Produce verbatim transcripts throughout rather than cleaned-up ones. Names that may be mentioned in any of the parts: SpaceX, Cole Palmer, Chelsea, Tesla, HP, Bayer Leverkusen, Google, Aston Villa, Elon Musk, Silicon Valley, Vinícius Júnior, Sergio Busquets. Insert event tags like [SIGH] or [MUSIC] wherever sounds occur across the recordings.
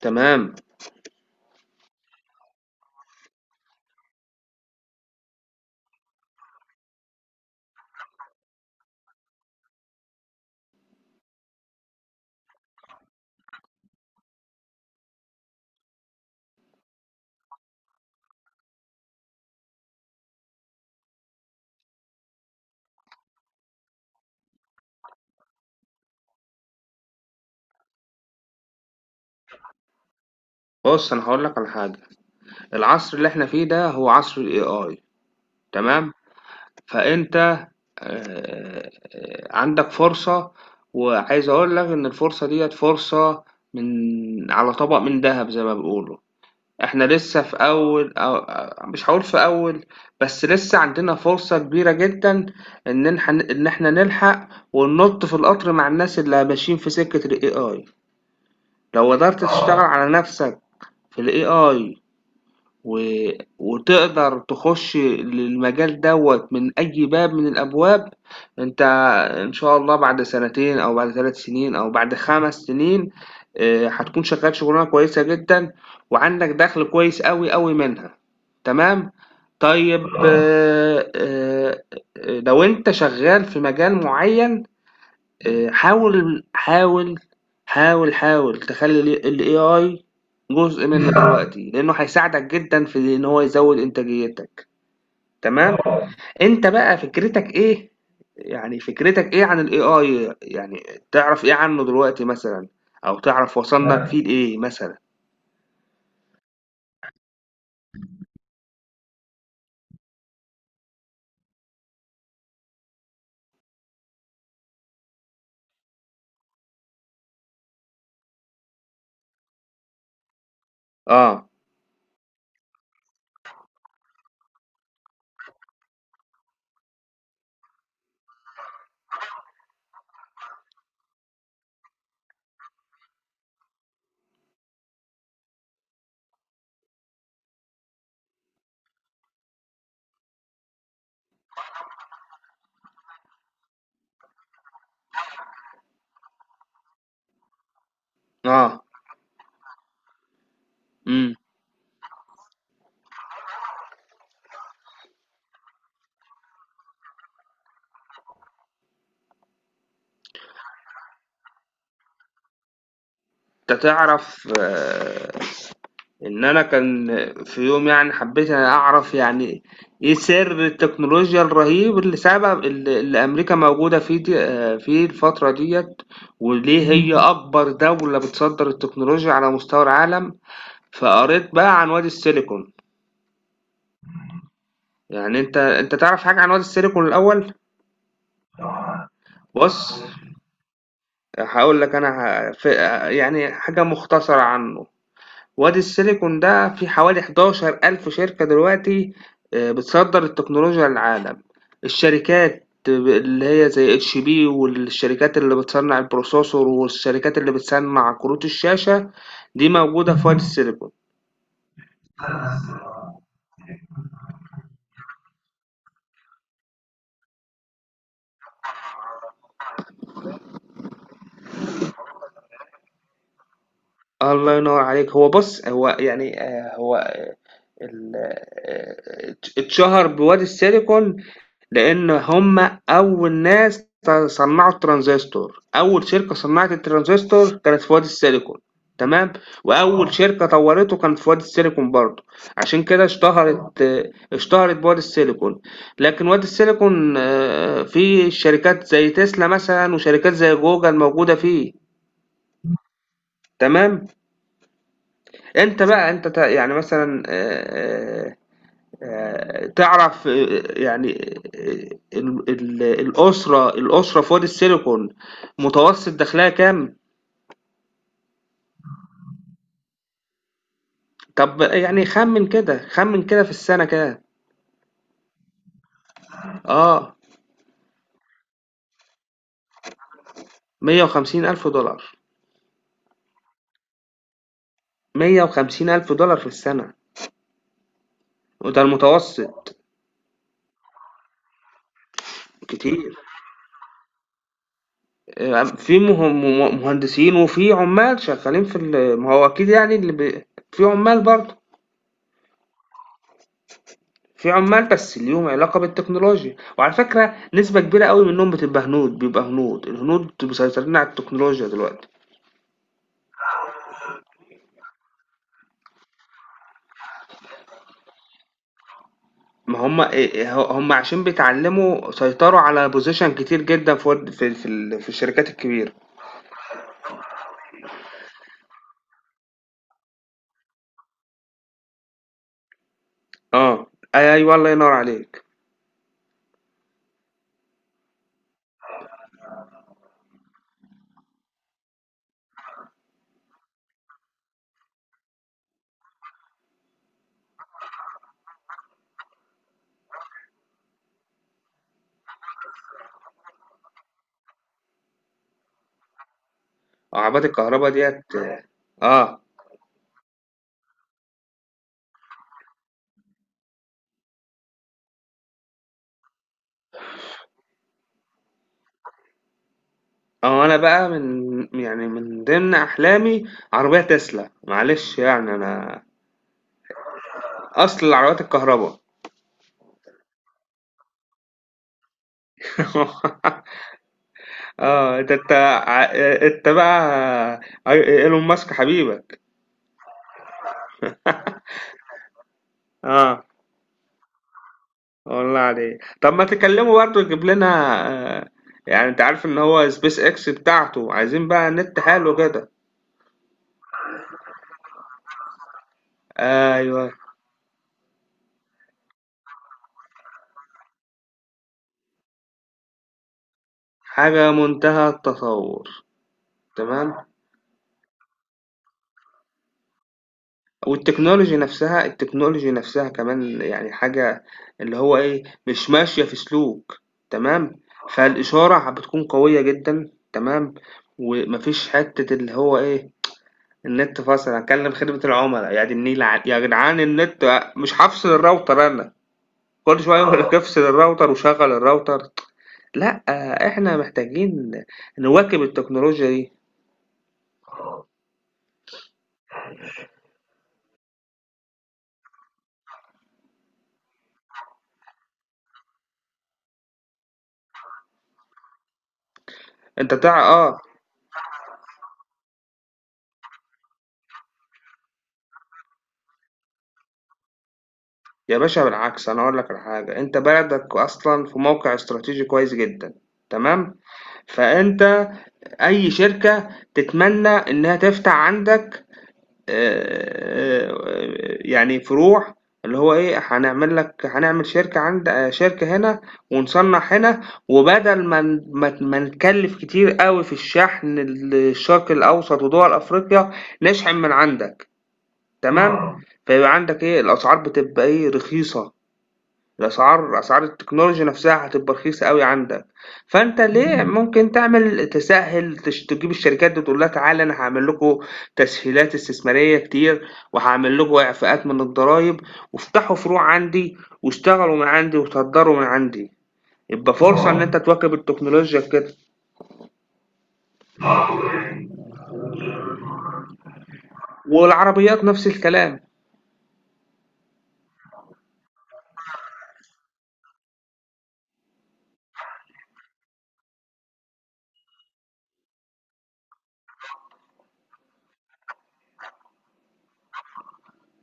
تمام. بُص، أنا هاقول لك على حاجة. العصر اللي إحنا فيه ده هو عصر الAI. تمام. فأنت آآ عندك فرصة. وعايز أقول لك إن الفرصة ديّة فرصة من على طبق من دهب زي ما بيقولوا. إحنا لسه في أول أو أو- مش هاقول في أول، بس لسه عندنا فرصة كبيرة جدًا إن نلح إن إحنا نلحق وننُط في القطر مع الناس اللي ماشيين في سكة الAI. لو قدرت تشتغل على نَفْسك في الAI و... وتقدر تخش للمجال دوت من أي باب من الأبواب. أنت إن شاء الله بعد سنتين أو بعد ثلاث سنين أو بعد خمس سنين آآ، هتكون شغال شغلانة كويسة جدًا وعندك دخل كويس أوي، أوي منها. تمام؟ طيب آه. آآ، لو أنت شغال في مجال معين، آه، حاول حاول حاول حاول تخلي ال إيه آي جزء منك دلوقتي لأنه هيساعدك جدا في إن هو يزود إنتاجيتك. تمام. اه، أنت بقى فكرتك إيه؟ يعني فكرتك إيه عن ال إيه آي؟ يعني تعرف إيه عنه دلوقتي مثلا؟ أو تعرف وصلنا فيه انا لإيه مثلا؟ آه. آه. مم. أنت تعرف آآ إن أنا كان في يوم، يعني حبّيت أنا أعرف يعني إيه سِر التكنولوجيا الرهيب اللي سبب ال اللي أمريكا موجودة فيه د آآ فيه الفترة ديّة، وليه هي إمم. أكبر دولة بتصدّر التكنولوجيا على مستوى العالم. فقريت بقى عن وادي السيليكون. يعني أنت أنت تعرف حاجة عن وادي السيليكون الأول؟ بُص، هاقول لك أنا ه ف يعني حاجة مختصرة عنّه. وادي السيليكون ده في حوالي حداشر ألف شركة دلوقتي، آه، بتصدر التكنولوجيا للعالم. الشركات اللي هي زي اتش بي، والشركات اللي بتصنع البروسيسور، والشركات اللي بتصنع كروت الشاشة دي موجودة في وادي السيليكون. الله ينور عليك. هو بص، هو يعني آه، هو ال- آه، آه، اتشهر بوادي السيليكون لأن هم أول ناس صنعوا الترانزستور. أول شركة صنعت الترانزستور كانت في وادي السيليكون. تمام. وأول اه شركة طورته كانت في وادي السيليكون برضه. عشان كده اه اشتهرت آه، اشتهرت بوادي السيليكون. لكن وادي السيليكون آه، فيه شركات زي تسلا مثلا، وشركات زي جوجل موجودة فيه. تمام. انت بقى انت تع- يعني مثلا، آه، آه، آه، تعرف، آه، يعني آه، ال- ال- الأسرة الأسرة في وادي السيليكون متوسط دخلها كام؟ طب يعني خمن كده، خمن كده، في السنة كده. اه. مية وخمسين ألف دولار. مية وخمسين ألف دولار في السنة، وده المتوسط. كتير. آه، في مه- مه- مهندسين، وفي عمال شغالين في ال- ما هو أكيد يعني اللي بي... في عمال برضه. في عمال بس ليهم علاقة بالتكنولوجيا، وعلى فكرة نسبة كبيرة أوي منهم بتبقى هنود، بيبقى هنود، الهنود مسيطرين على التكنولوجيا دلوقتي. ما هم آآ هم عشان بيتعلموا سيطروا على position كتير جدًا في ورد في في ال في الشركات الكبيرة. آه، أيوه، الله ينور عليك. عربات الكهربا ديّة آه، آه أنا بقى من يعني من ضمن أحلامي عربية تسلا، معلش يعني أنا أصل العربيات الكهربا. [LAUGHS] آه ده أنت ع- أنت بقى أي- إيلون ماسك حبيبك. آه والله عليك، طب ما تكلمه برضه يجيب لنا. آه يعني أنت عارف إن هو سبيس إكس بتاعته عايزين بقى نت حلو كده؟ أيوه، حاجة منتهى التطور. تمام. والتكنولوجي نفسها، التكنولوجي نفسها كمان، يعني حاجة اللي هو إيه مش ماشية في سلوك. تمام. فالإشارة بتكون قوية جدا. تمام. ومفيش حتة اللي هو إيه، النت فصل. هكلم خدمة العملاء، يا دي النيل، ع- يا جدعان، النت مش هفصل الراوتر انا. كل شوية يقول لك اه افصل الراوتر وشغل الراوتر. لا، احنا محتاجين نواكب التكنولوجيا دي. انت تع اه، يا باشا، بالعكس، انا اقول لك على حاجة. انت بلدك اصلا في موقع استراتيجي كويس جدا. تمام. فانت اي شركة تتمنى انها تفتح عندك، آآ، يعني فروع، اللي هو إيه، هنعمل لك هنعمل شركة عند آآ، شركة هنا ونصنّع هنا، وبدل ما ن ما ت ما نكلّف كتير أوي في الشحن للشرق الأوسط ودول أفريقيا، نشحن من عندك. تمام. آه. فيبقى عندك إيه، الأسعار بتبقى إيه، رخيصة. الأسعار أسعار التكنولوجيا نفسها هتبقى رخيصة أوي عندك. فأنت ليه ممكن تعمل تسهّل تش تجيب الشركات دي تقول لها تعالَ، أنا هاعمل لكم تسهيلات استثمارية كتير، وهاعمل لكم إعفاءات من الضرايب، وافتحوا فروع عندي، واشتغلوا من عندي، وتهدروا من عندي. يبقى فرصة إن آه. أنت تواكب التكنولوجيا في كده. والعربيات نفس الكلام.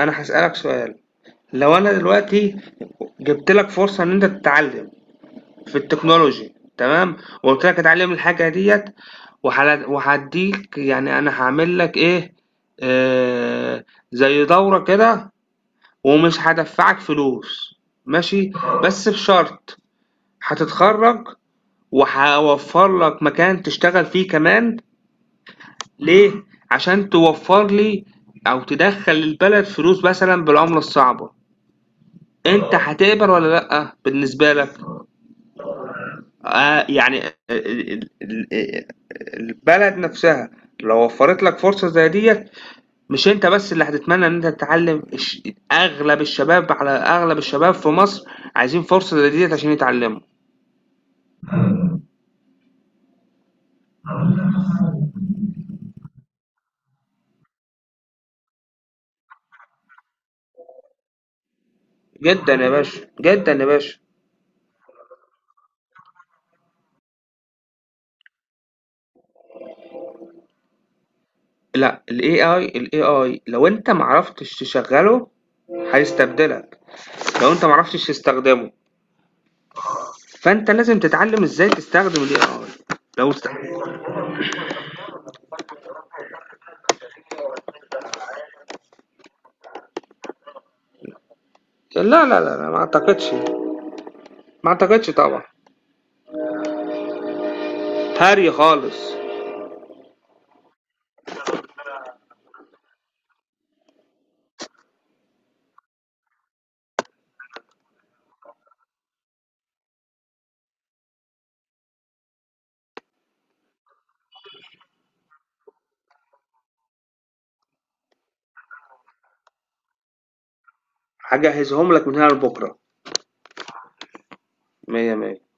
أنا هاسألك سؤال. لو أنا دلوقتي جِبت لك فرصة إن أنت تتعلم في التكنولوجي، تمام، وقلت لك اتعلم الحاجه ديت وحل- وهديك، يعني انا هعمل لك ايه، آه زي دورة كده، ومش هدفعك فلوس، ماشي، بس بشرط هتتخرج وهوفر لك مكان تشتغل فيه كمان، ليه؟ عشان توفر لي او تدخل البلد فلوس مثلا بالعملة الصعبة. انت هتقبل ولا لا بالنسبة لك؟ آه يعني ال- ال- ال- البلد نفسها لو وفرت لك فرصة زي ديت، مش انت بس اللي هتتمنى ان انت تتعلم الش- اغلب الشباب على اغلب الشباب في مصر عايزين فرصة زي ديت عشان يتعلموا. جدا يا باشا، جدا يا باشا. لا، الاي اي الاي اي لو انت معرفتش تشغله هيستبدلك. لو انت معرفتش تستخدمه، فانت لازم تتعلم ازاي تستخدم الاي اي. لو است... لا، لا، لا، لا، ما اعتقدش. ما اعتقدش طبعا. هاري خالص. هجهزهم لك من هنا لبكره. مية مية.